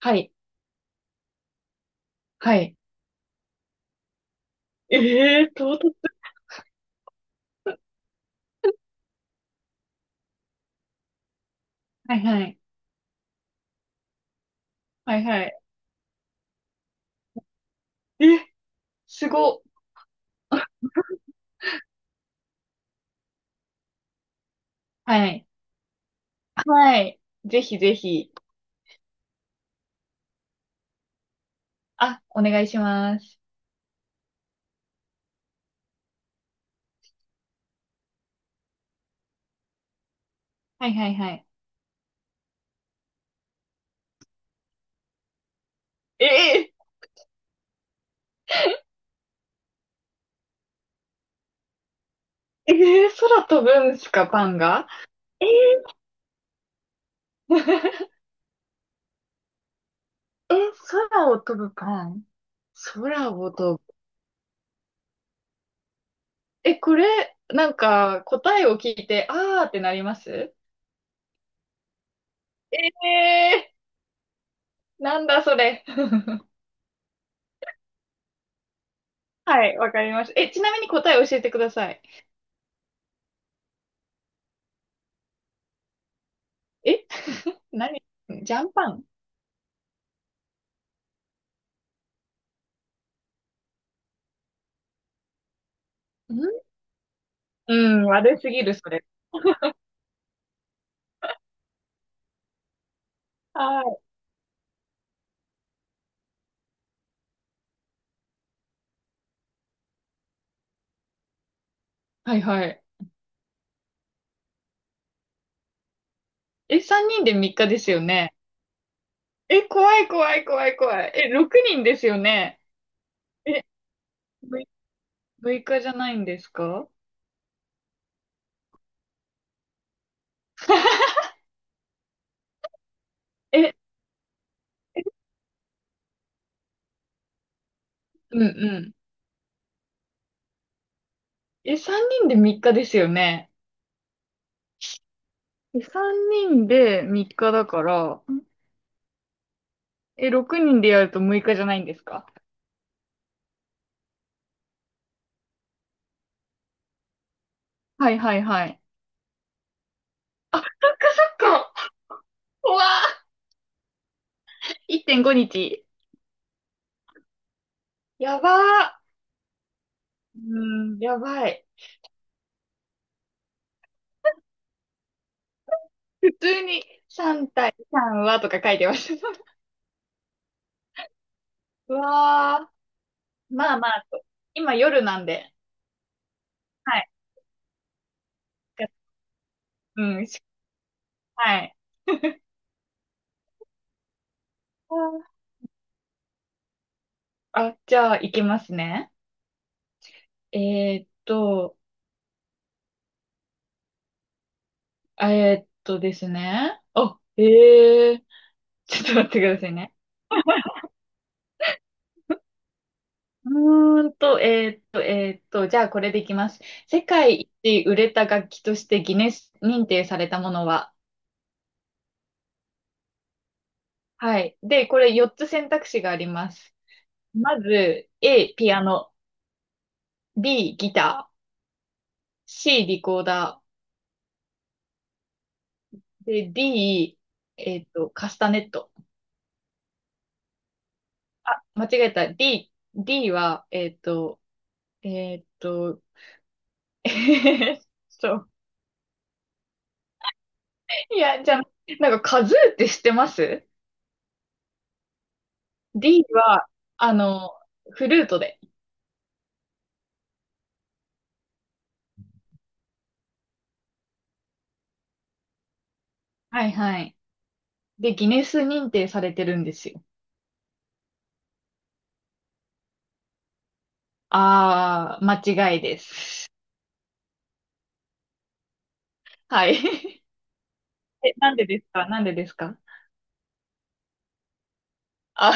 はい。はい。ええー、唐突。はいはい。はいはい。え、すご。はい。はい。ぜひぜひ。あ、お願いします。はいはいはい。ええええ、空飛ぶんすか、パンが？ええ え、空を飛ぶパン、空を飛ぶ。え、これ、なんか、答えを聞いて、あーってなります？ええ、なんだそれ。はい、わかりました。え、ちなみに答え教えてください。え 何？ジャンパンん？うん、悪すぎる、それ。はい。はいはい。え、3人で3日ですよね。え、怖い怖い怖い怖い。え、6人ですよね。え、6、日じゃないんですか？ え、うんうん。え、3人で3日ですよね。え、3人で3日だから、ん。え、6人でやると6日じゃないんですか？はいはいはい。なんか怖っ !1.5 日。やばー。うーん、やばい。普通に3対3はとか書いてました。うわー、まあまあと。今夜なんで。はい。うん、はい。あー、あ、じゃあ行きますね。えーっと、えですね。あ、えー、ちょっと待ってくださいね。じゃあこれでいきます。世界一売れた楽器としてギネス認定されたものは？はい。で、これ4つ選択肢があります。まず、A、ピアノ。B、ギター。C、リコーダー。で、D、カスタネット。あ、間違えた。D は、えっと、えっと、いや、じゃあ、なんかカズーって知ってます ?D は、あの、フルートで。はいはい。で、ギネス認定されてるんですよ。あー、間違いです。はい。え、なんでですか？なんでですか？あ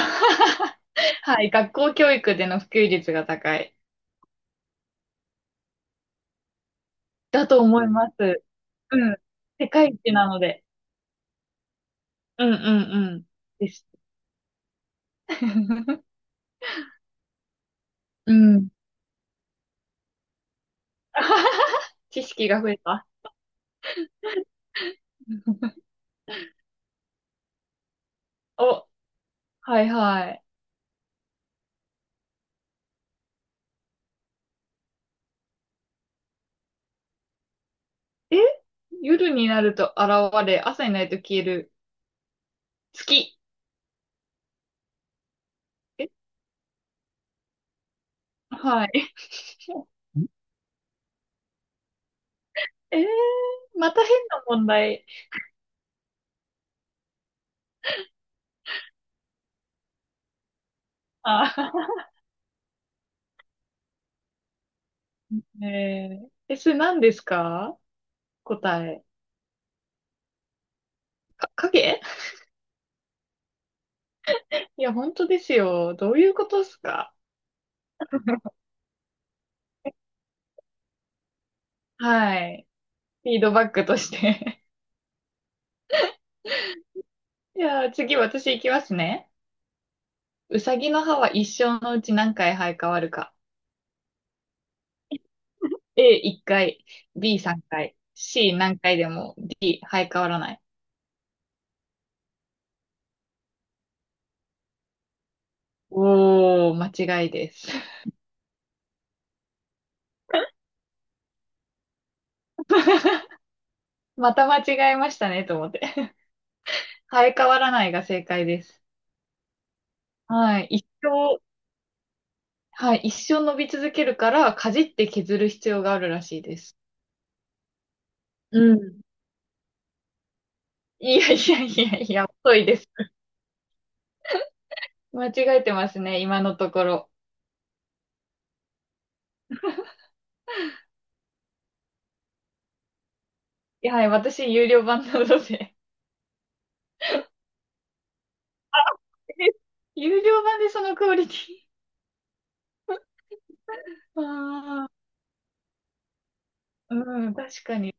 はい。学校教育での普及率が高い。だと思います。うん。世界一なので。うんうんうん。です。うん。知識が増えた。お、はいはい。え、夜になると現れ、朝になると消える。月。え、はい。ん。また変な問題。あ え、それ何ですか？答え？か、影？いや、本当ですよ。どういうことですか？はい。フィードバックとして。じゃあ次私行きますね。うさぎの歯は一生のうち何回生え変わるか？A1 回、B3 回、C 何回でも、 D 生え変わらない。おー、間違いです。また間違えましたねと思って。生え変わらないが正解です。はい。一生、はい。一生伸び続けるから、かじって削る必要があるらしいです。うん。いやいやいやいや、遅いです。間違えてますね、今のところ。いや、はい。私、有料版なので。有料版でそのクオリティ。ああ、うん、確かに。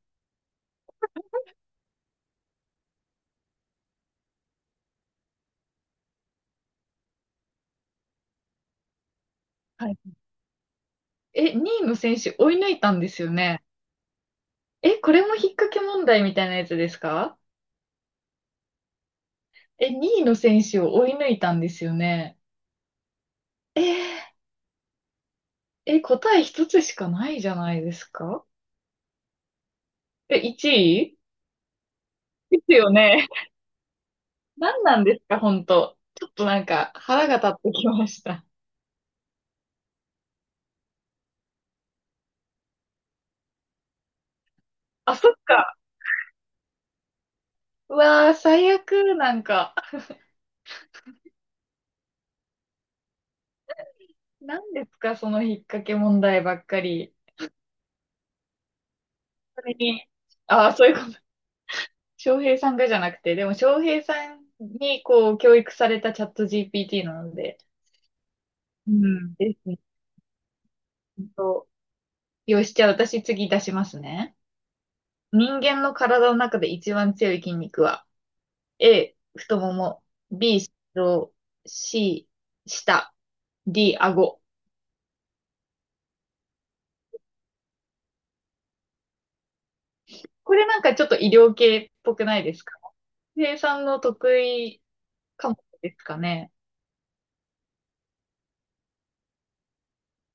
はい。え、2位の選手追い抜いたんですよね。え、これも引っ掛け問題みたいなやつですか？え、2位の選手を追い抜いたんですよね。え、答え一つしかないじゃないですか？え、1位ですよね。何なんですか、本当。ちょっとなんか腹が立ってきました。あ、そっか。うわー、最悪、なんか。何ですか、その引っ掛け問題ばっかり。それに、ああ、そういうこと。翔平さんがじゃなくて、でも翔平さんにこう教育されたチャット GPT なので、うん。ですね。本当。よし、じゃあ私次出しますね。人間の体の中で一番強い筋肉は、A、太もも、B、心臓、C、舌、D、顎。これなんかちょっと医療系っぽくないですか？翔平井さんの得意科目ですかね。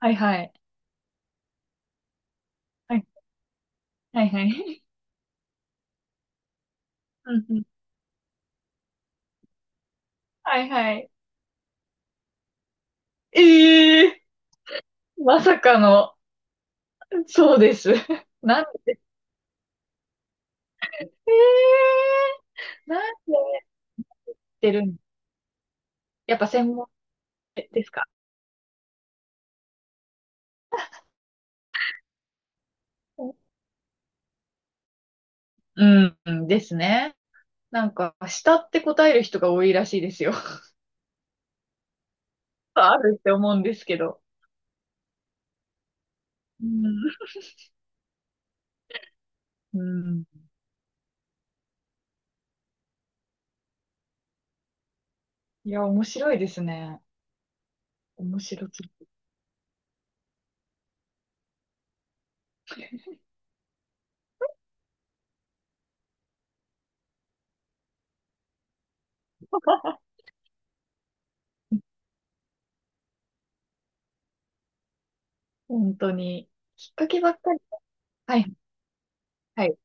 はいはい。はいはいはい。うんうん。はいはい。ええー、まさかの、そうです。なん、えなんでやってるん？やっぱ専門ですか？うん、うんですね。なんか、下って答える人が多いらしいですよ。あるって思うんですけど。うん。うん。いや、面白いですね。面白すぎ。本当に。きっかけばっかり。はい、はい。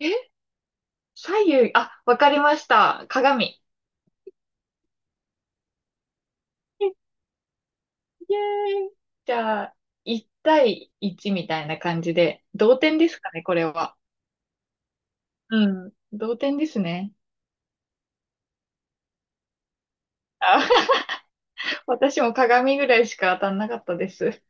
え、左右、あ、わかりました。鏡。イエーイ！じゃあ、1対1みたいな感じで、同点ですかね、これは。うん、同点ですね。あ、私も鏡ぐらいしか当たんなかったです。